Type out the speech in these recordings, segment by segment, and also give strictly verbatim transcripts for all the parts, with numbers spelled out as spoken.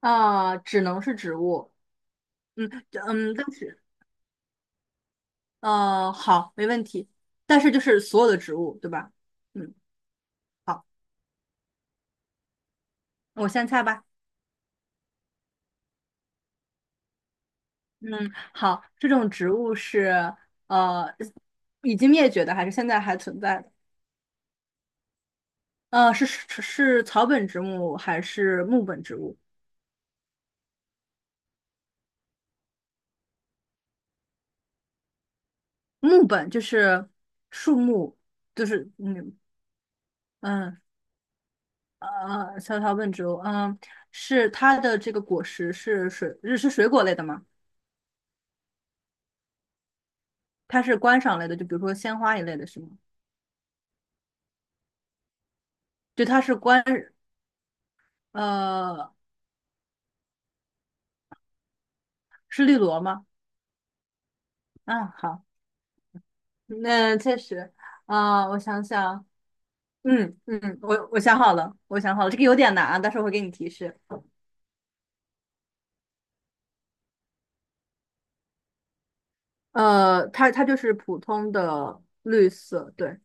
啊，只能是植物。嗯嗯，但是呃，好，没问题。但是就是所有的植物，对吧？嗯，好，我先猜吧。嗯，好，这种植物是呃已经灭绝的，还是现在还存在的？呃，是是是草本植物还是木本植物？木本就是树木，就是嗯嗯呃，小草本植物，嗯，是它的这个果实是水，是水果类的吗？它是观赏类的，就比如说鲜花一类的，是吗？就它是观，呃，是绿萝吗？啊，好，那确实。啊，我想想。嗯嗯，我我想好了，我想好了，这个有点难啊，但是我会给你提示。呃，它它就是普通的绿色，对。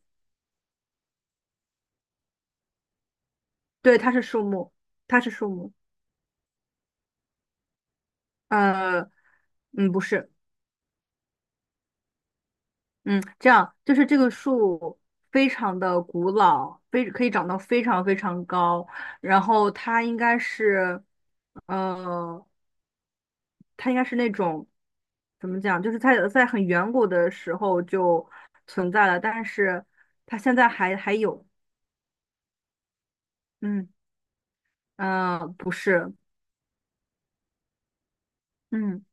对，它是树木，它是树木。呃，嗯，不是。嗯，这样就是这个树非常的古老，非可以长到非常非常高，然后它应该是，呃，它应该是那种怎么讲，就是它在很远古的时候就存在了，但是它现在还还有。嗯嗯、呃不是。嗯。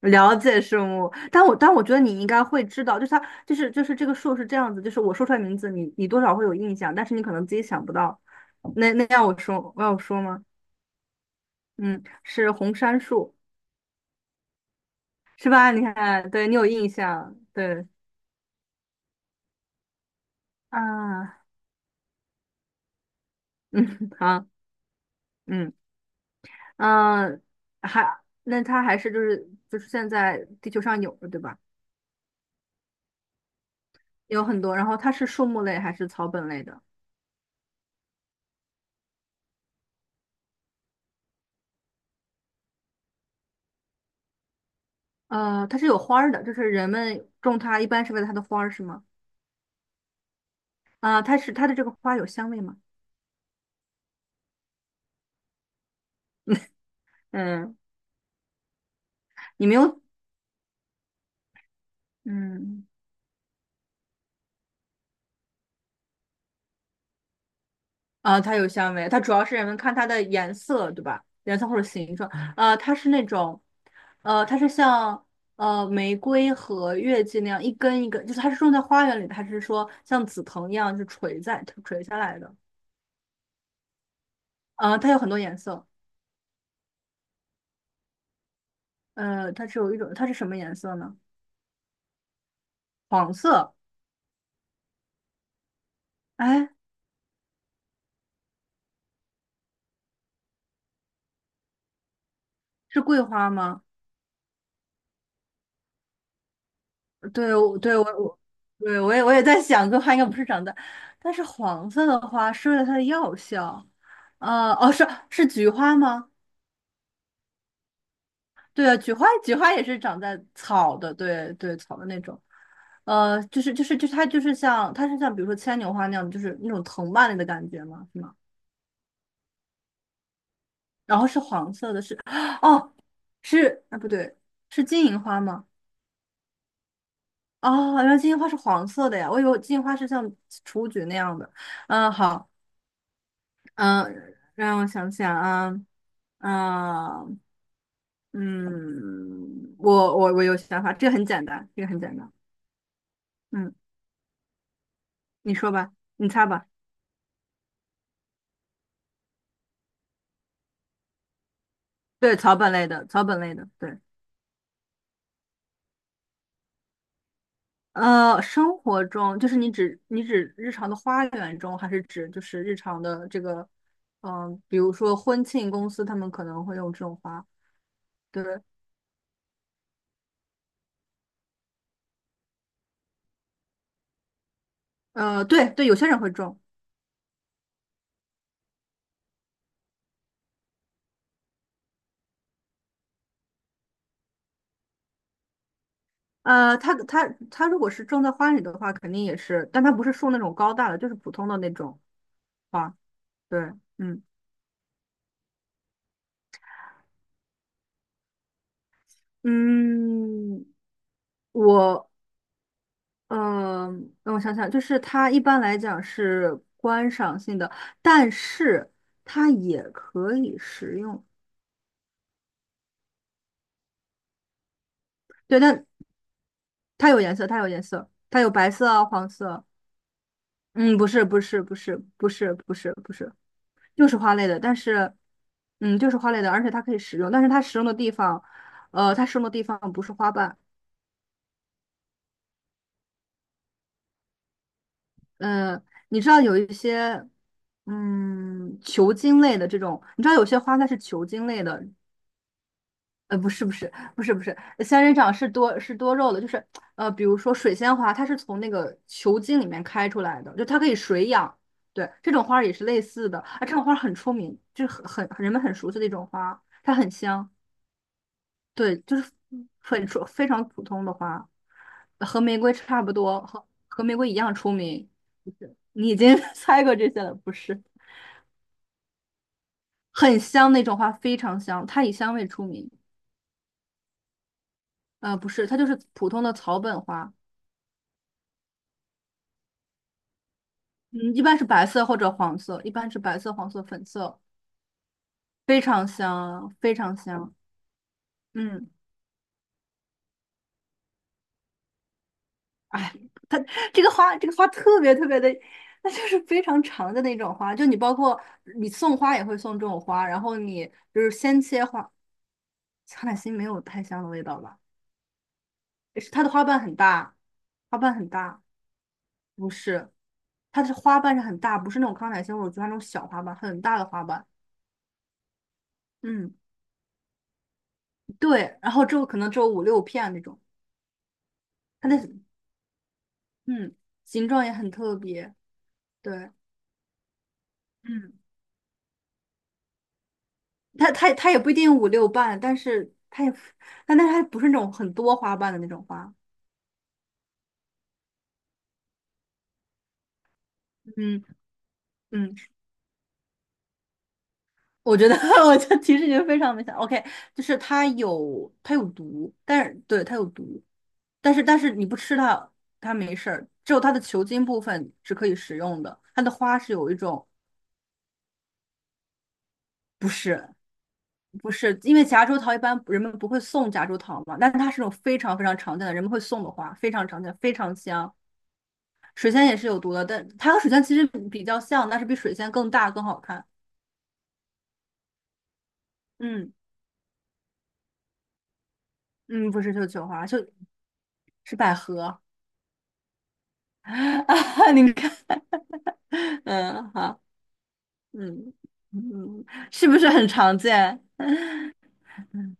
了解生物，但我但我觉得你应该会知道，就是它就是就是这个树是这样子，就是我说出来名字，你你多少会有印象，但是你可能自己想不到。那那要我说，要我说吗？嗯，是红杉树。是吧？你看，对你有印象。对啊，嗯，好。嗯嗯，还那它还是就是就是现在地球上有的对吧？有很多，然后它是树木类还是草本类的？呃，它是有花儿的，就是人们种它一般是为了它的花儿是吗？啊，它是它的这个花有香味吗？嗯，你没有，嗯，啊，它有香味，它主要是人们看它的颜色，对吧？颜色或者形状。啊，它是那种，呃，它是像呃玫瑰和月季那样一根一根，就是它是种在花园里的，还是说像紫藤一样就垂在垂下来的？啊，它有很多颜色。呃，它只有一种，它是什么颜色呢？黄色。哎，是桂花吗？对，我对我我对我也我也在想，桂花应该不是长在，但是黄色的花是为了它的药效。呃，哦，是是菊花吗？对啊，菊花菊花也是长在草的，对对，草的那种。呃，就是就是就是它就是像它是像比如说牵牛花那样，就是那种藤蔓类的感觉吗？是吗？然后是黄色的是，哦，是啊不对，是金银花吗？哦，原来金银花是黄色的呀，我以为金银花是像雏菊那样的。嗯，好。嗯，呃让我想想啊。啊，嗯，我我我有想法，这个很简单，这个很简单。嗯，你说吧，你猜吧。对，草本类的，草本类的，对。呃，生活中就是你指你指日常的花园中，还是指就是日常的这个，嗯、比如说婚庆公司他们可能会用这种花，对。呃，对对，有些人会种。呃，它它它如果是种在花里的话，肯定也是，但它不是树那种高大的，就是普通的那种，吧？对。嗯嗯，我呃，让我想想，就是它一般来讲是观赏性的，但是它也可以食用。对，但它有颜色，它有颜色，它有白色啊，黄色。嗯，不是，不是，不是，不是，不是，不是，就是花类的，但是，嗯，就是花类的，而且它可以食用，但是它食用的地方，呃，它食用的地方不是花瓣。嗯，你知道有一些，嗯，球茎类的这种，你知道有些花它是球茎类的。呃，不是不是不是不是，仙人掌是多是多肉的，就是呃，比如说水仙花，它是从那个球茎里面开出来的，就它可以水养。对，这种花儿也是类似的，啊，这种花儿很出名，就是很很人们很熟悉的一种花，它很香。对，就是很出非常普通的花。呃和玫瑰差不多，和和玫瑰一样出名。不是，你已经 猜过这些了，不是？很香那种花，非常香，它以香味出名。呃，不是，它就是普通的草本花。嗯，一般是白色或者黄色，一般是白色、黄色、粉色，非常香，非常香。嗯。哎，它这个花，这个花特别特别的，那就是非常长的那种花。就你包括你送花也会送这种花，然后你就是先切花。康乃馨没有太香的味道吧？是它的花瓣很大，花瓣很大。不是，它的花瓣是很大，不是那种康乃馨，我觉得那种小花瓣，很大的花瓣。嗯，对，然后只有可能只有五六片那种。它的嗯形状也很特别。对。嗯。它它它也不一定五六瓣，但是它也，但但它不是那种很多花瓣的那种花。嗯嗯，我觉得 我这提示已经非常明显。OK，就是它有它有毒，但是对它有毒，但是但是你不吃它，它没事儿。只有它的球茎部分是可以食用的，它的花是有一种不是。不是，因为夹竹桃一般人们不会送夹竹桃嘛，但是它是种非常非常常见的，人们会送的花，非常常见，非常香。水仙也是有毒的，但它和水仙其实比较像，但是比水仙更大更好看。嗯嗯，不是绣球花，就是百合 啊。你看，嗯，好。嗯嗯，是不是很常见？嗯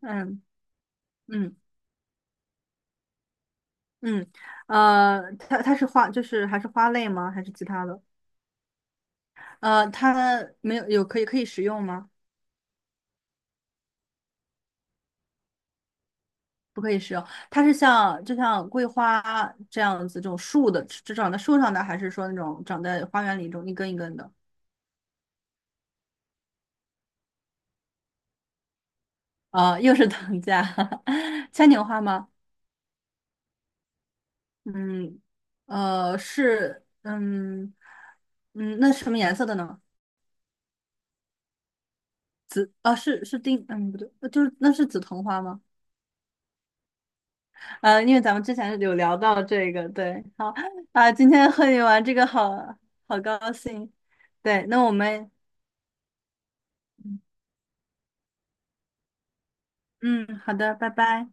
嗯嗯，嗯，呃，它它是花，就是还是花类吗？还是其他的？呃，它没有有可以可以食用吗？不可以食用，它是像就像桂花这样子，这种树的，只长在树上的，还是说那种长在花园里一种一根一根的？啊，又是藤架，牵牛花吗？嗯，呃，是，嗯，嗯，那是什么颜色的呢？啊，是是丁，嗯，不对，呃就是那是紫藤花吗？呃，因为咱们之前有聊到这个，对，好啊，今天和你玩这个好好高兴。对，那我们，嗯，好的，拜拜。